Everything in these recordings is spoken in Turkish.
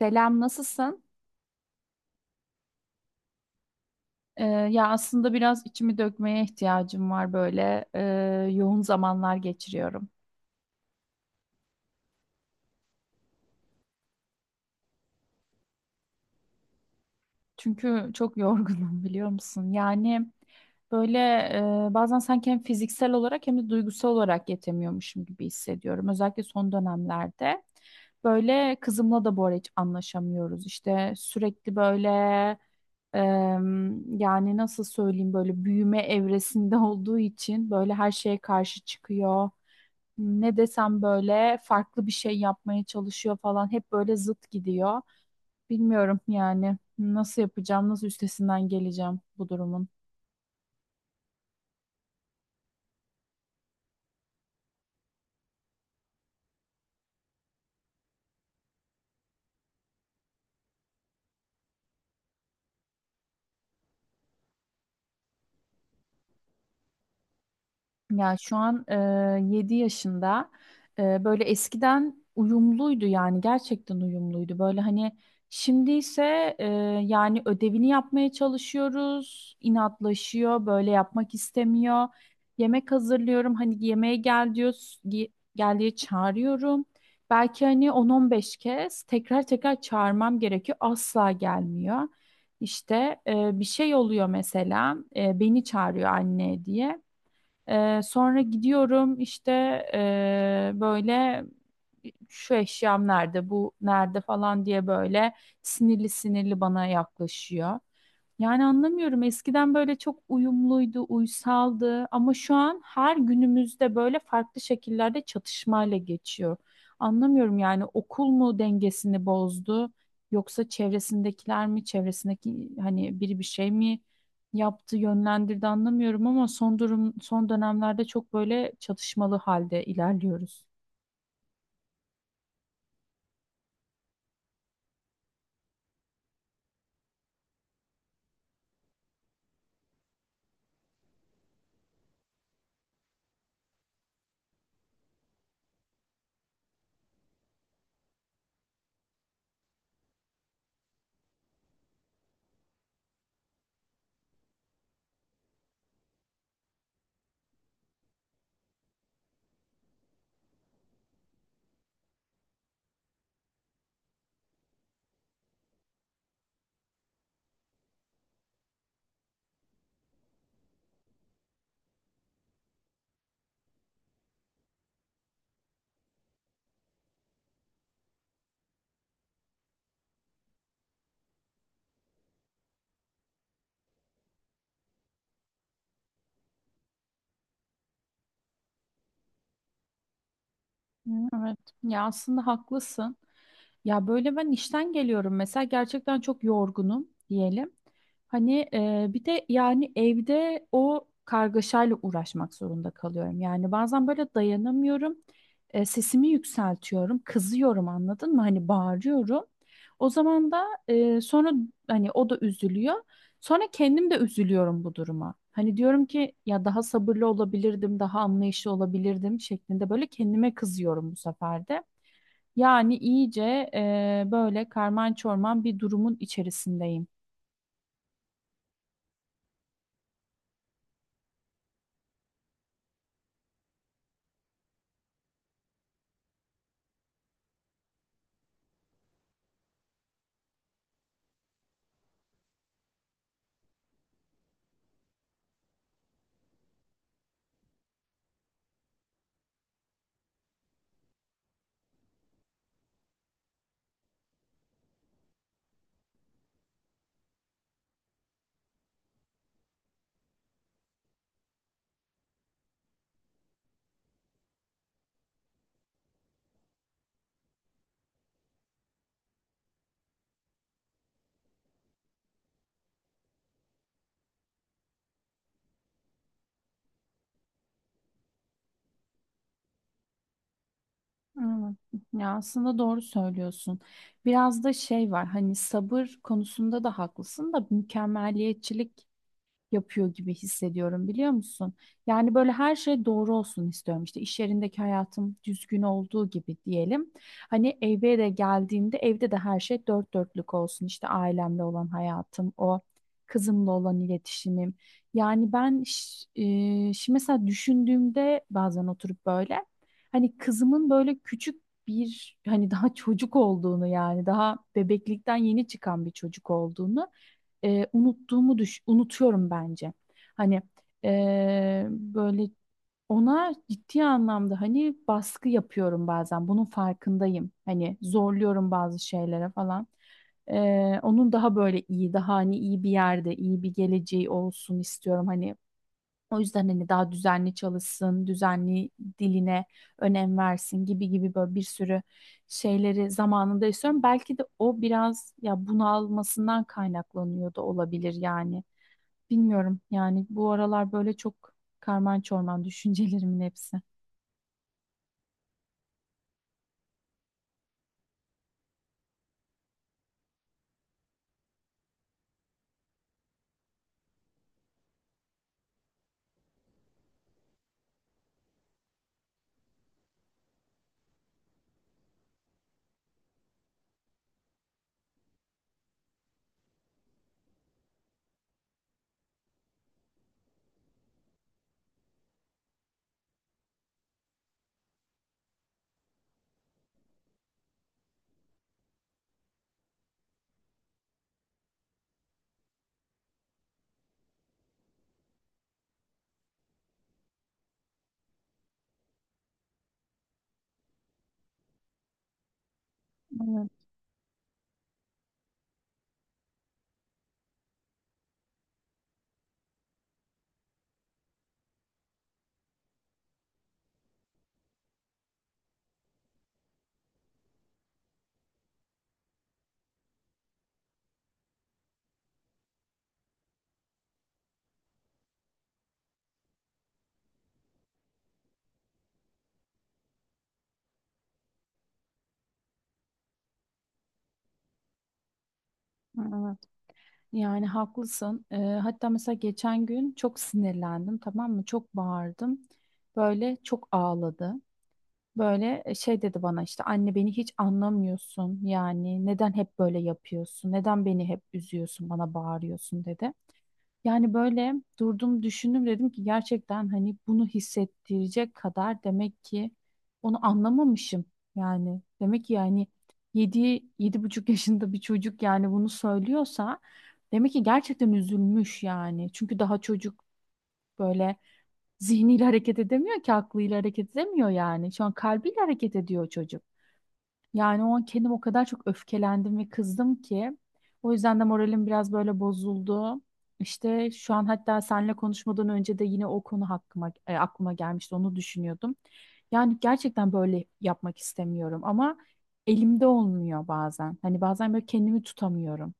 Selam, nasılsın? Ya aslında biraz içimi dökmeye ihtiyacım var böyle. Yoğun zamanlar geçiriyorum. Çünkü çok yorgunum, biliyor musun? Yani böyle, bazen sanki hem fiziksel olarak hem de duygusal olarak yetemiyormuşum gibi hissediyorum. Özellikle son dönemlerde. Böyle kızımla da bu ara hiç anlaşamıyoruz. İşte sürekli böyle, e, yani nasıl söyleyeyim, böyle büyüme evresinde olduğu için böyle her şeye karşı çıkıyor. Ne desem böyle farklı bir şey yapmaya çalışıyor falan. Hep böyle zıt gidiyor. Bilmiyorum yani nasıl yapacağım, nasıl üstesinden geleceğim bu durumun. Ya şu an 7 yaşında. Böyle eskiden uyumluydu, yani gerçekten uyumluydu. Böyle hani şimdi ise, yani ödevini yapmaya çalışıyoruz, inatlaşıyor, böyle yapmak istemiyor. Yemek hazırlıyorum, hani yemeğe gel diyor, gel diye çağırıyorum. Belki hani 10-15 kez tekrar tekrar çağırmam gerekiyor, asla gelmiyor. İşte, bir şey oluyor mesela, beni çağırıyor anne diye. Sonra gidiyorum, işte böyle şu eşyam nerede, bu nerede falan diye böyle sinirli sinirli bana yaklaşıyor. Yani anlamıyorum. Eskiden böyle çok uyumluydu, uysaldı, ama şu an her günümüzde böyle farklı şekillerde çatışmayla geçiyor. Anlamıyorum yani, okul mu dengesini bozdu yoksa çevresindekiler mi, çevresindeki hani biri bir şey mi yaptı, yönlendirdi, anlamıyorum, ama son durum, son dönemlerde çok böyle çatışmalı halde ilerliyoruz. Hı, evet. Ya aslında haklısın. Ya böyle ben işten geliyorum mesela, gerçekten çok yorgunum diyelim. Hani, bir de yani evde o kargaşayla uğraşmak zorunda kalıyorum. Yani bazen böyle dayanamıyorum. Sesimi yükseltiyorum, kızıyorum, anladın mı? Hani bağırıyorum. O zaman da, sonra hani o da üzülüyor. Sonra kendim de üzülüyorum bu duruma. Hani diyorum ki ya daha sabırlı olabilirdim, daha anlayışlı olabilirdim şeklinde böyle kendime kızıyorum bu sefer de. Yani iyice, böyle karman çorman bir durumun içerisindeyim. Evet. Ya aslında doğru söylüyorsun. Biraz da şey var, hani sabır konusunda da haklısın da, mükemmeliyetçilik yapıyor gibi hissediyorum, biliyor musun? Yani böyle her şey doğru olsun istiyorum. İşte iş yerindeki hayatım düzgün olduğu gibi diyelim. Hani eve de geldiğimde evde de her şey dört dörtlük olsun. İşte ailemle olan hayatım, o kızımla olan iletişimim. Yani ben ş- Şimdi mesela düşündüğümde bazen oturup böyle hani kızımın böyle küçük bir, hani daha çocuk olduğunu, yani daha bebeklikten yeni çıkan bir çocuk olduğunu, unuttuğumu unutuyorum bence. Hani, böyle ona ciddi anlamda hani baskı yapıyorum bazen. Bunun farkındayım. Hani zorluyorum bazı şeylere falan. E, Onun daha böyle iyi, daha hani iyi bir yerde, iyi bir geleceği olsun istiyorum. Hani o yüzden hani daha düzenli çalışsın, düzenli diline önem versin gibi gibi böyle bir sürü şeyleri zamanında istiyorum. Belki de o biraz ya bunalmasından kaynaklanıyor da olabilir yani. Bilmiyorum yani, bu aralar böyle çok karman çorman düşüncelerimin hepsi. Evet, evet. Yani haklısın. Hatta mesela geçen gün çok sinirlendim, tamam mı? Çok bağırdım. Böyle çok ağladı. Böyle, şey dedi bana, işte anne beni hiç anlamıyorsun, yani neden hep böyle yapıyorsun, neden beni hep üzüyorsun, bana bağırıyorsun dedi. Yani böyle durdum, düşündüm, dedim ki gerçekten hani bunu hissettirecek kadar demek ki onu anlamamışım, yani demek ki, yani 7-7,5 yaşında bir çocuk yani bunu söylüyorsa demek ki gerçekten üzülmüş yani, çünkü daha çocuk, böyle zihniyle hareket edemiyor ki, aklıyla hareket edemiyor yani. Şu an kalbiyle hareket ediyor çocuk. Yani o an kendim o kadar çok öfkelendim ve kızdım ki. O yüzden de moralim biraz böyle bozuldu. İşte şu an hatta seninle konuşmadan önce de yine o konu aklıma gelmişti. Onu düşünüyordum. Yani gerçekten böyle yapmak istemiyorum, ama elimde olmuyor bazen. Hani bazen böyle kendimi tutamıyorum.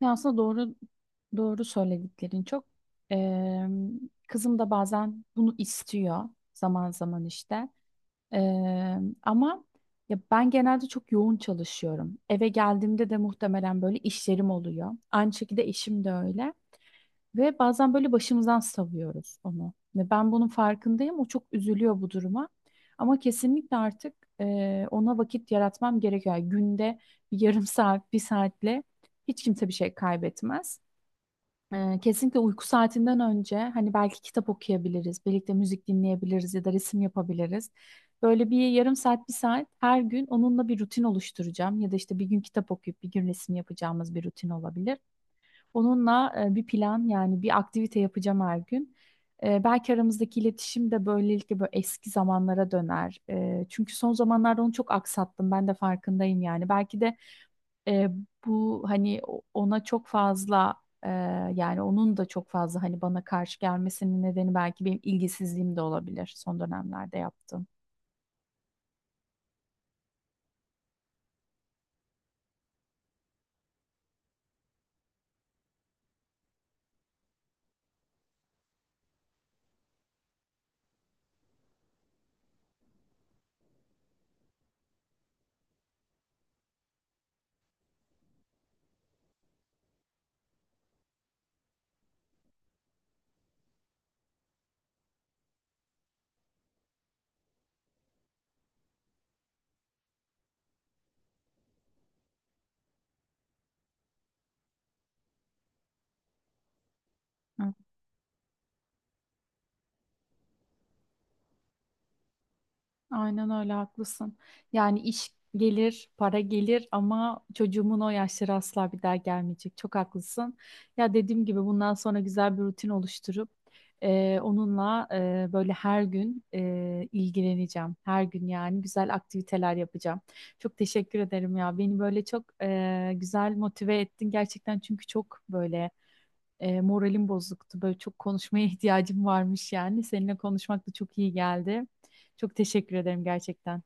Ya aslında doğru söylediklerin çok. Eee, Kızım da bazen bunu istiyor, zaman zaman işte. Ama ya ben genelde çok yoğun çalışıyorum. Eve geldiğimde de muhtemelen böyle işlerim oluyor. Aynı şekilde eşim de öyle. Ve bazen böyle başımızdan savuyoruz onu. Ve ben bunun farkındayım. O çok üzülüyor bu duruma. Ama kesinlikle artık ona vakit yaratmam gerekiyor. Yani günde bir yarım saat, bir saatle hiç kimse bir şey kaybetmez. Kesinlikle uyku saatinden önce hani belki kitap okuyabiliriz, birlikte müzik dinleyebiliriz ya da resim yapabiliriz. Böyle bir yarım saat, bir saat her gün onunla bir rutin oluşturacağım, ya da işte bir gün kitap okuyup bir gün resim yapacağımız bir rutin olabilir. Onunla bir plan, yani bir aktivite yapacağım her gün. Belki aramızdaki iletişim de böylelikle böyle eski zamanlara döner. Çünkü son zamanlarda onu çok aksattım, ben de farkındayım yani. Belki de, e, bu hani ona çok fazla, e, yani onun da çok fazla hani bana karşı gelmesinin nedeni belki benim ilgisizliğim de olabilir, son dönemlerde yaptığım. Aynen öyle, haklısın. Yani iş gelir, para gelir, ama çocuğumun o yaşları asla bir daha gelmeyecek. Çok haklısın. Ya dediğim gibi, bundan sonra güzel bir rutin oluşturup onunla böyle her gün ilgileneceğim. Her gün yani güzel aktiviteler yapacağım. Çok teşekkür ederim ya. Beni böyle çok güzel motive ettin gerçekten, çünkü çok böyle, moralim bozuktu. Böyle çok konuşmaya ihtiyacım varmış yani. Seninle konuşmak da çok iyi geldi. Çok teşekkür ederim gerçekten.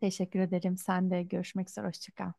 Teşekkür ederim. Sen de görüşmek üzere. Hoşça kal.